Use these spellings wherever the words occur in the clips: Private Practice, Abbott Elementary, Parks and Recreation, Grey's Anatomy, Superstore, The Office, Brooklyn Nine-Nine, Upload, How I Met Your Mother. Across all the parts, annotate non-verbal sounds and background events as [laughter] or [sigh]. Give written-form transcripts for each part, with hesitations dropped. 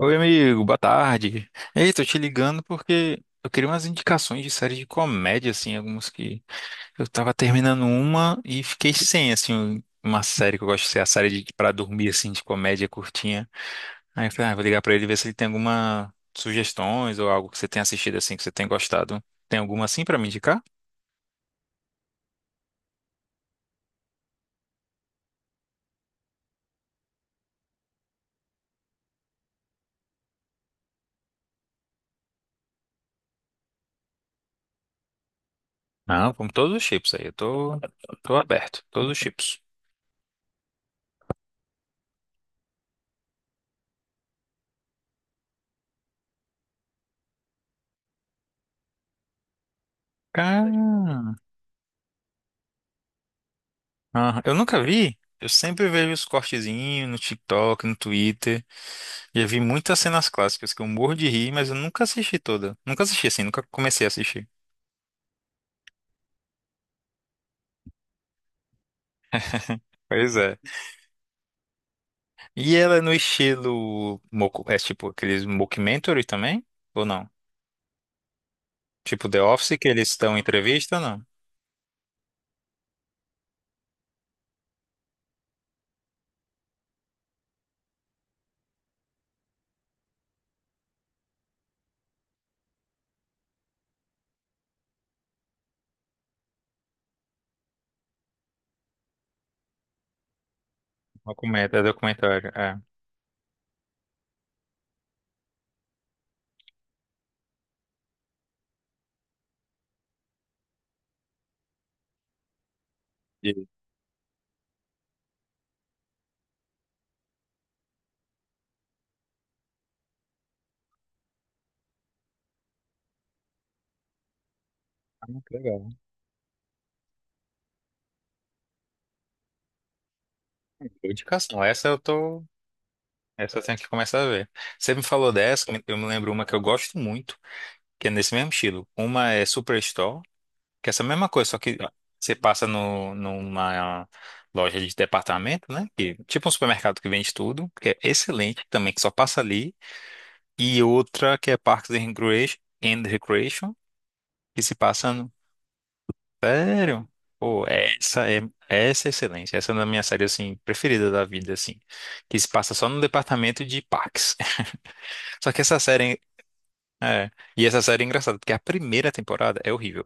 Oi, amigo, boa tarde. Ei, tô te ligando porque eu queria umas indicações de séries de comédia, assim, algumas que eu tava terminando uma e fiquei sem, assim, uma série que eu gosto de ser a série de para dormir, assim, de comédia curtinha. Aí eu falei, ah, vou ligar pra ele ver se ele tem alguma sugestões ou algo que você tenha assistido, assim, que você tenha gostado. Tem alguma, assim, pra me indicar? Não, como todos os chips aí, eu tô aberto, todos os chips. Cara, ah, eu nunca vi. Eu sempre vejo os cortezinhos no TikTok, no Twitter. Já vi muitas cenas clássicas que eu morro de rir, mas eu nunca assisti toda. Nunca assisti assim, nunca comecei a assistir. Pois é. E ela é no estilo é tipo aqueles mockumentary também? Ou não? Tipo The Office, que eles estão em entrevista, ou não? Documenta, é documentário, é. E- Ah, que legal. Boa indicação. Essa eu tenho que começar a ver. Você me falou dessa, eu me lembro uma que eu gosto muito, que é nesse mesmo estilo. Uma é Superstore. Que é essa mesma coisa, só que você passa no, numa loja de departamento, né? Que, tipo um supermercado que vende tudo, que é excelente também, que só passa ali. E outra que é Parks and Recreation, que se passa no... Sério? Pô, essa é excelente. Essa é uma da minha série, assim, preferida da vida, assim. Que se passa só no departamento de parques. [laughs] Só que essa série... É, e essa série é engraçada, porque a primeira temporada é horrível.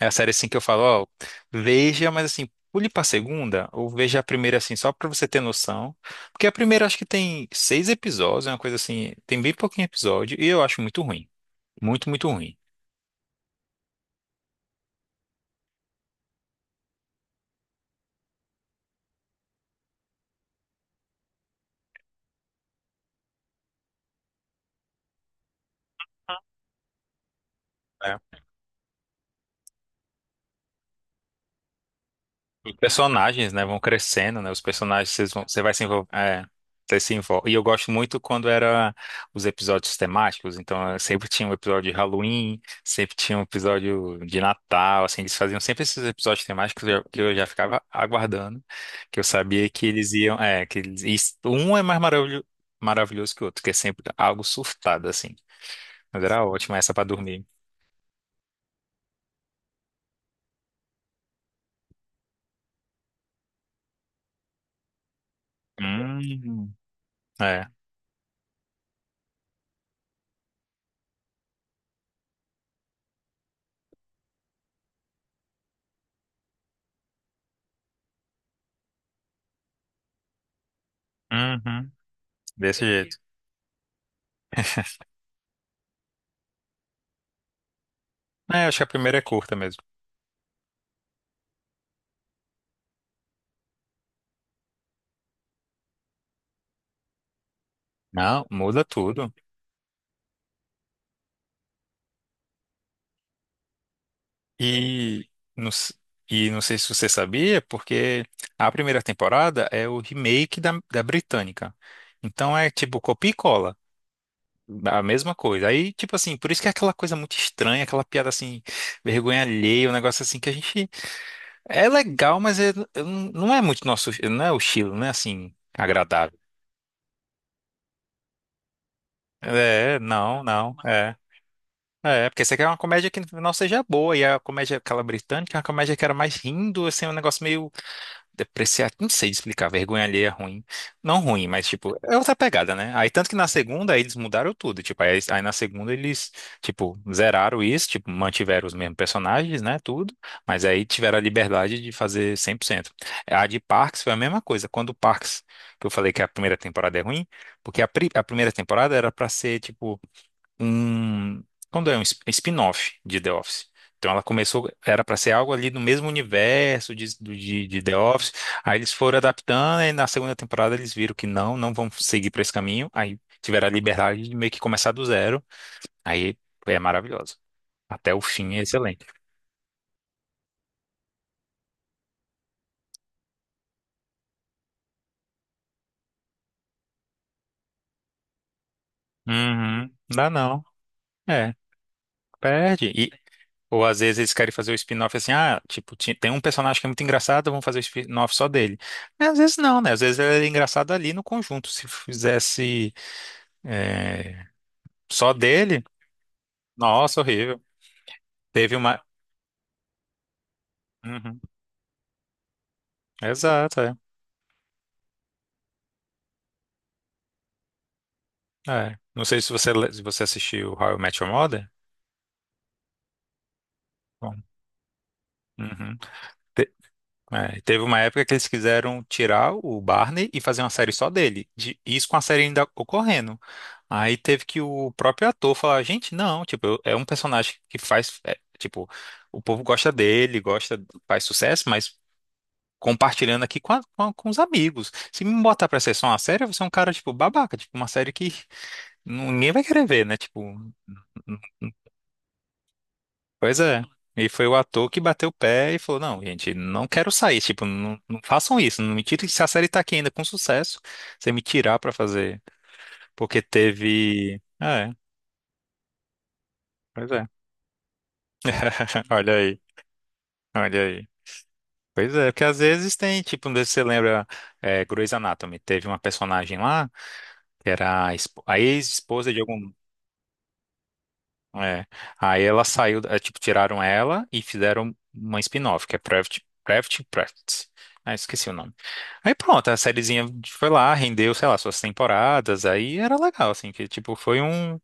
É a série assim que eu falo, ó, veja, mas assim, pule pra segunda, ou veja a primeira assim, só pra você ter noção. Porque a primeira acho que tem 6 episódios, é uma coisa assim, tem bem pouquinho episódio, e eu acho muito ruim. Muito, muito ruim. Né? Os personagens, né, vão crescendo, né? Os personagens, você vai se envolver. É, você se envolve. E eu gosto muito quando era os episódios temáticos. Então, eu sempre tinha um episódio de Halloween, sempre tinha um episódio de Natal. Assim, eles faziam sempre esses episódios temáticos que eu já ficava aguardando, que eu sabia que eles iam. É, que eles, e um é mais maravilhoso, maravilhoso que o outro, que é sempre algo surtado, assim. Mas era ótimo essa pra dormir. Hum, é. Uhum, desse jeito. É, acho que a primeira é curta mesmo. Não, muda tudo. E não, s- e não sei se você sabia, porque a primeira temporada é o remake da, da britânica. Então é tipo copia e cola. A mesma coisa. Aí, tipo assim, por isso que é aquela coisa muito estranha, aquela piada assim, vergonha alheia, um negócio assim que a gente. É legal, mas é- eu não é muito nosso. Não é o estilo, não é assim, agradável. É, não, não, é. É, porque você quer uma comédia que não seja boa, e a comédia, aquela britânica, é uma comédia que era mais rindo, assim, um negócio meio depreciar, não sei explicar, vergonha alheia é ruim. Não ruim, mas tipo, é outra pegada, né? Aí tanto que na segunda aí eles mudaram tudo, tipo, aí na segunda eles, tipo, zeraram isso, tipo, mantiveram os mesmos personagens, né, tudo, mas aí tiveram a liberdade de fazer 100%. A de Parks foi a mesma coisa, quando o Parks, que eu falei que a primeira temporada é ruim, porque a primeira temporada era pra ser, tipo, um, quando é um spin-off de The Office. Então ela começou, era para ser algo ali no mesmo universo de The Office. Aí eles foram adaptando e na segunda temporada eles viram que não, não vão seguir para esse caminho. Aí tiveram a liberdade de meio que começar do zero. Aí é maravilhoso. Até o fim é excelente. Uhum. Dá não. É, perde. Ou às vezes eles querem fazer o spin-off assim, ah, tipo, tem um personagem que é muito engraçado, vamos fazer o spin-off só dele. Mas às vezes não, né? Às vezes ele é engraçado ali no conjunto. Se fizesse é, só dele, nossa, horrível. Teve uma. Uhum. Exato, é. É. Não sei se se você assistiu How I Met Your Mother. Bom. Uhum. É, e teve uma época que eles quiseram tirar o Barney e fazer uma série só dele. De, isso com a série ainda ocorrendo. Aí teve que o próprio ator falar, gente, não, tipo, eu- é um personagem que faz, é, tipo, o povo gosta dele, gosta, faz sucesso, mas compartilhando aqui com os amigos. Se me botar pra ser só uma série, eu vou ser um cara, tipo, babaca, tipo, uma série que [laughs] ninguém vai querer ver, né? Tipo, pois é. E foi o ator que bateu o pé e falou: não, gente, não quero sair. Tipo, não, não façam isso. Não me tirem. Se a série tá aqui ainda com sucesso, você me tirar pra fazer. Porque teve. É, pois é. [laughs] Olha aí, olha aí. Pois é, porque às vezes tem, tipo, não sei se você lembra, é, Grey's Anatomy, teve uma personagem lá que era a ex-esposa de algum. É. Aí ela saiu, é, tipo, tiraram ela e fizeram uma spin-off, que é Private Practice. Ah, esqueci o nome. Aí pronto, a sériezinha foi lá, rendeu, sei lá, suas temporadas, aí era legal, assim, que tipo, foi um,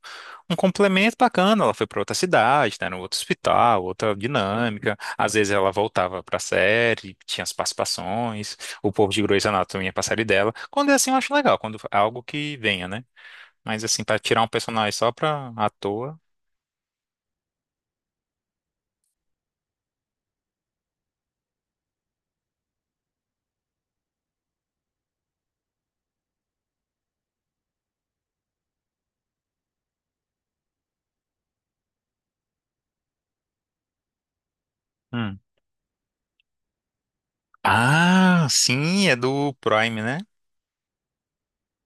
um complemento bacana. Ela foi pra outra cidade, né, no outro hospital, outra dinâmica. Às vezes ela voltava pra série, tinha as participações, o povo de Grey's Anatomy ia pra série dela. Quando é assim, eu acho legal, quando é algo que venha, né? Mas assim, pra tirar um personagem só pra à toa. Hum. Ah, sim, é do Prime, né?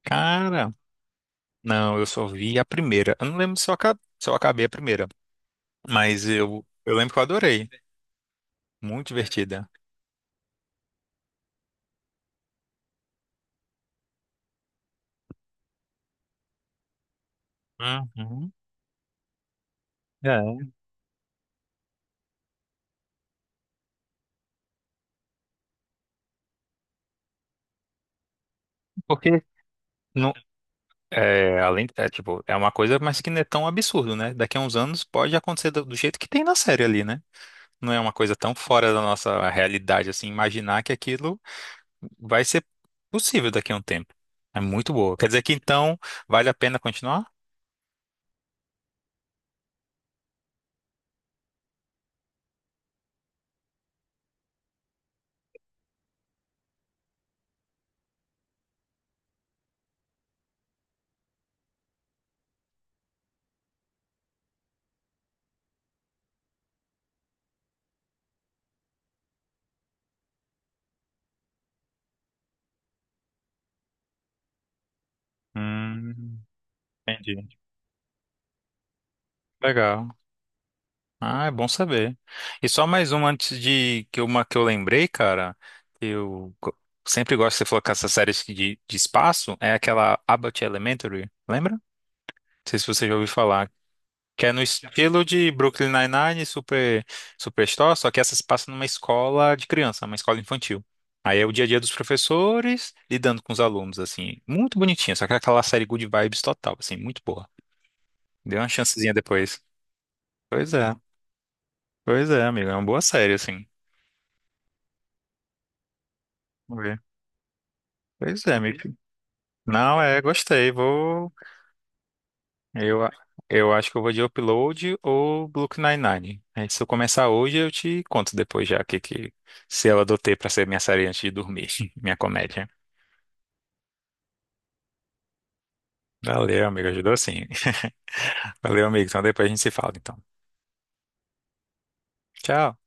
Cara, não, eu só vi a primeira. Eu não lembro se eu acabei a primeira, mas eu lembro que eu adorei. Muito divertida. Uhum. É, porque não, é, além, é, tipo, é uma coisa, mas que não é tão absurdo, né? Daqui a uns anos pode acontecer do jeito que tem na série ali, né? Não é uma coisa tão fora da nossa realidade, assim, imaginar que aquilo vai ser possível daqui a um tempo. É muito boa. Quer dizer que então vale a pena continuar? Hum. Entendi. Legal. Ah, é bom saber. E só mais uma antes de que uma que eu lembrei, cara, que eu sempre gosto de você falou com essas séries de espaço, é aquela Abbott Elementary, lembra? Não sei se você já ouviu falar. Que é no estilo de Brooklyn Nine-Nine, Superstore, só que essa se passa numa escola de criança, uma escola infantil. Aí é o dia a dia dos professores lidando com os alunos, assim. Muito bonitinha, só que é aquela série good vibes total, assim, muito boa. Dê uma chancezinha depois. Pois é. Pois é, amigo, é uma boa série, assim. Vamos ver. Pois é, amigo. Não, é, gostei. Vou. Eu, a- eu acho que eu vou de Upload ou Brooklyn Nine-Nine. Aí, se eu começar hoje, eu te conto depois já o que se eu adotei pra ser minha série antes de dormir, [laughs] minha comédia. Valeu, amigo, ajudou sim. [laughs] Valeu, amigo. Então depois a gente se fala, então. Tchau.